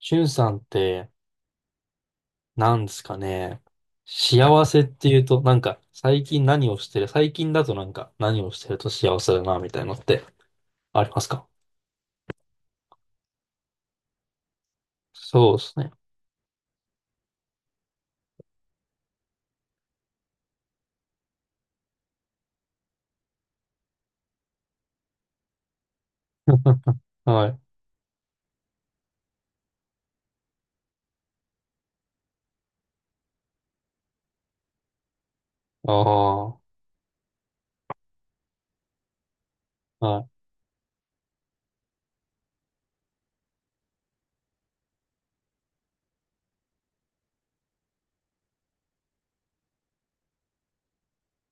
しゅんさんって、なんですかね。幸せっていうと、最近何をしてる、最近だと何をしてると幸せだな、みたいなのってありますか？そうですね。はい。ああ、はい。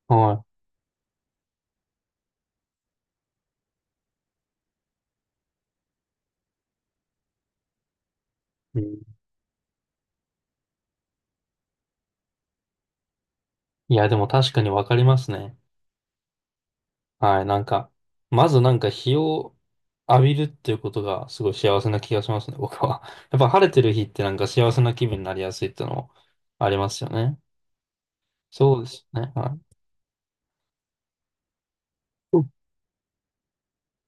はい。うん。いや、でも確かにわかりますね。はい。なんか、まずなんか日を浴びるっていうことがすごい幸せな気がしますね、僕は。やっぱ晴れてる日ってなんか幸せな気分になりやすいってのもありますよね。そうですね。はい。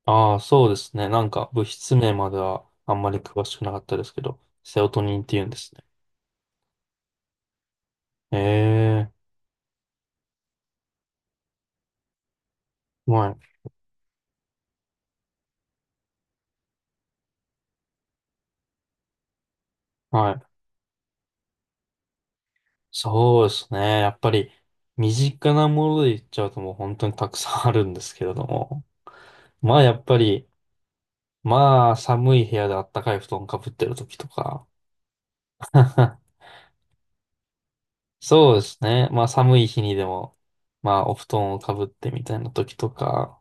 ああ、そうですね。なんか物質名まではあんまり詳しくなかったですけど、セロトニンって言うんですね。ええ、はい。はい。そうですね。やっぱり身近なもので言っちゃうともう本当にたくさんあるんですけれども。まあやっぱり、まあ寒い部屋であったかい布団かぶってる時とか。そうですね。まあ寒い日にでも、まあお布団をかぶってみたいな時とか。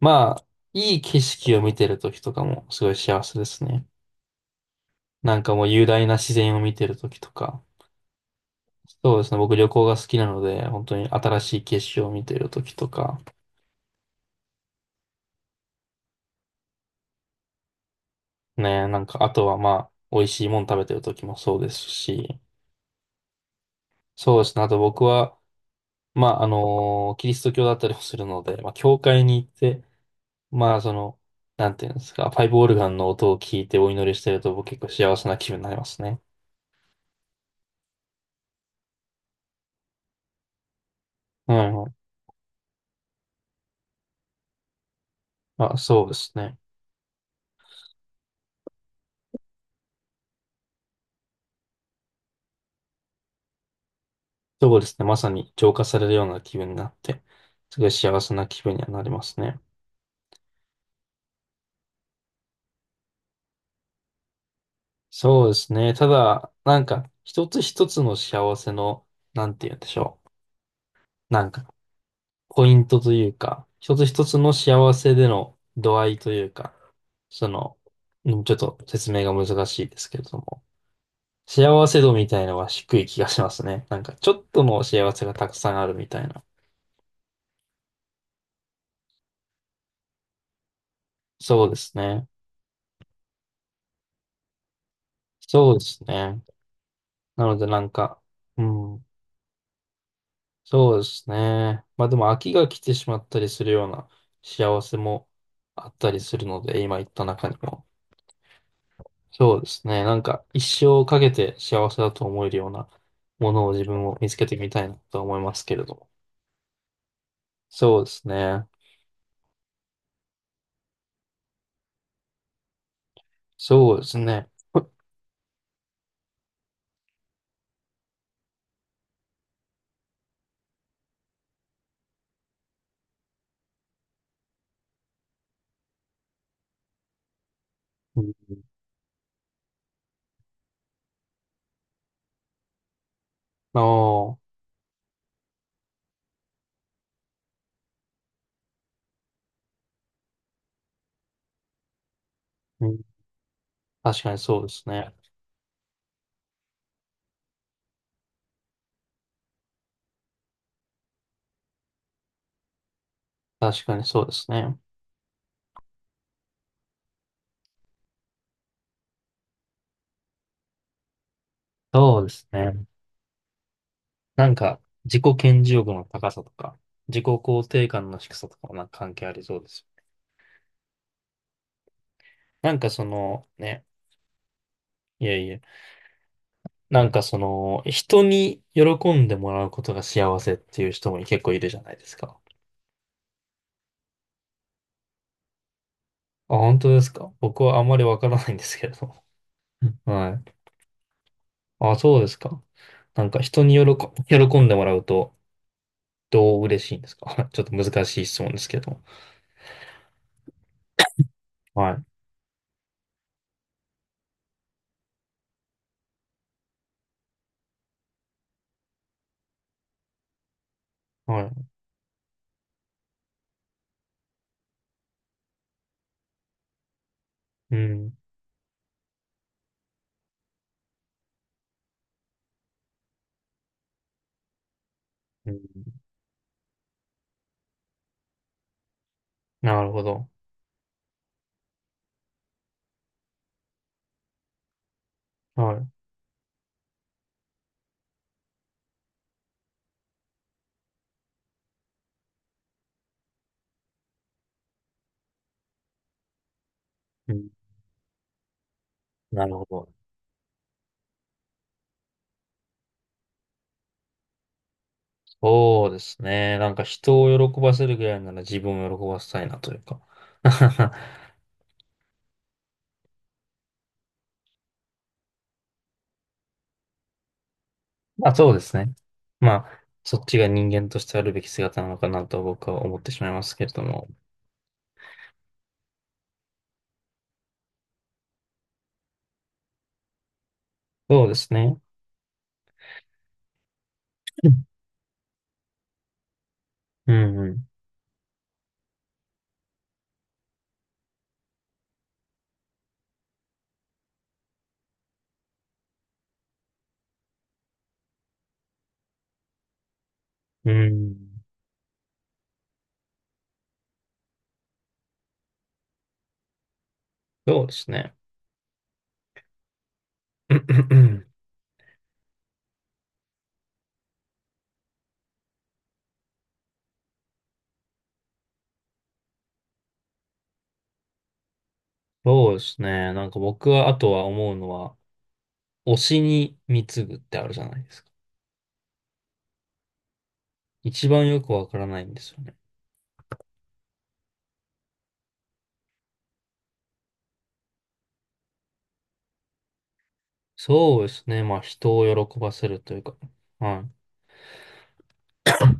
まあ、いい景色を見てる時とかもすごい幸せですね。なんかもう雄大な自然を見てる時とか、そうですね、僕旅行が好きなので、本当に新しい景色を見てる時とか、ね、なんかあとはまあ、美味しいもの食べてる時もそうですし、そうですね、あと僕は、まあ、あのキリスト教だったりもするので、まあ、教会に行って、まあ、その、なんていうんですか、パイプオルガンの音を聞いてお祈りしてると、僕結構幸せな気分になりますね。うんうん、まあ、そうですね。そうですね、まさに浄化されるような気分になって、すごい幸せな気分にはなりますね。そうですね。ただ、なんか、一つ一つの幸せの、なんて言うんでしょう。なんか、ポイントというか、一つ一つの幸せでの度合いというか、その、うんちょっと説明が難しいですけれども、幸せ度みたいのは低い気がしますね。なんか、ちょっとの幸せがたくさんあるみたいな。そうですね。そうですね。なので、なんか、うん。そうですね。まあでも飽きが来てしまったりするような幸せもあったりするので、今言った中にも。そうですね。なんか一生かけて幸せだと思えるようなものを自分も見つけてみたいなとは思いますけれども。そうですね。そうですね。うん、ああ、うん、確かにそうですね。確かにそうですね。そうですね。なんか自己顕示欲の高さとか、自己肯定感の低さとかもなんか関係ありそうです。なんかその、ね、いやいや、なんかその、人に喜んでもらうことが幸せっていう人も結構いるじゃないですか。あ、本当ですか？僕はあんまりわからないんですけれども。はい。あ、そうですか。なんか人に喜んでもらうと、どう嬉しいんですか？ ちょっと難しい質問ですけど。はい。はい。うん。うん、なるほど。はい。うん、なるほど。そうですね。なんか人を喜ばせるぐらいなら自分を喜ばせたいなというか。まあそうですね。まあ、そっちが人間としてあるべき姿なのかなと僕は思ってしまいますけれども。そうですね。うん、うん、うん。そうですね。そうですね。なんか僕は、あとは思うのは、推しに貢ぐってあるじゃないですか。一番よくわからないんですよね。そうですね。まあ人を喜ばせるというか。はい。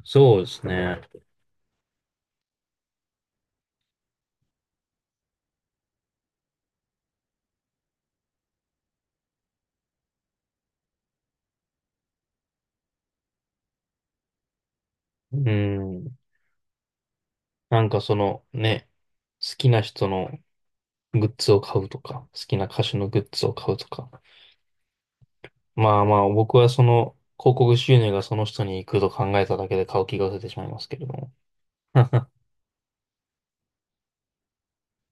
そうですね。うん。なんかそのね、好きな人のグッズを買うとか、好きな歌手のグッズを買うとか。まあまあ、僕はその、広告収入がその人に行くと考えただけで買う気が出てしまいますけれども。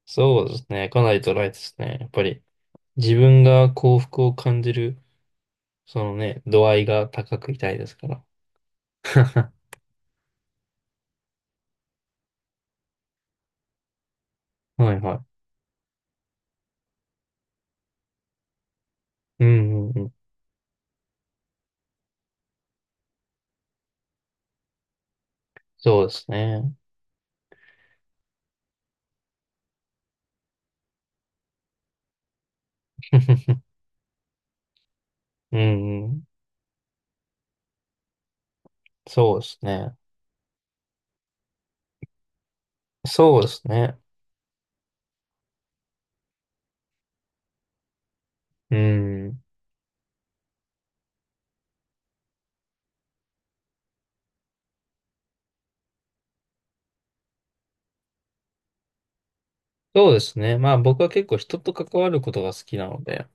そうですね。かなりドライですね。やっぱり、自分が幸福を感じる、そのね、度合いが高くいたいですから。はいはい。うんうんうん。そうですね。うんうん。そうですね。そうですね。うん。そうですね。まあ僕は結構人と関わることが好きなので、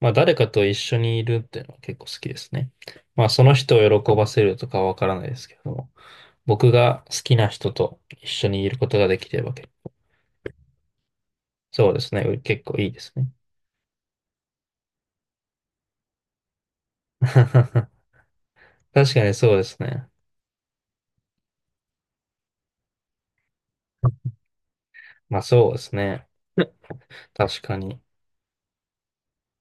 まあ、誰かと一緒にいるっていうのは結構好きですね。まあ、その人を喜ばせるとかはわからないですけども、僕が好きな人と一緒にいることができているわけ。そうですね。う結構いいですね。確かにそうですね。まあ、そうですね。確かに。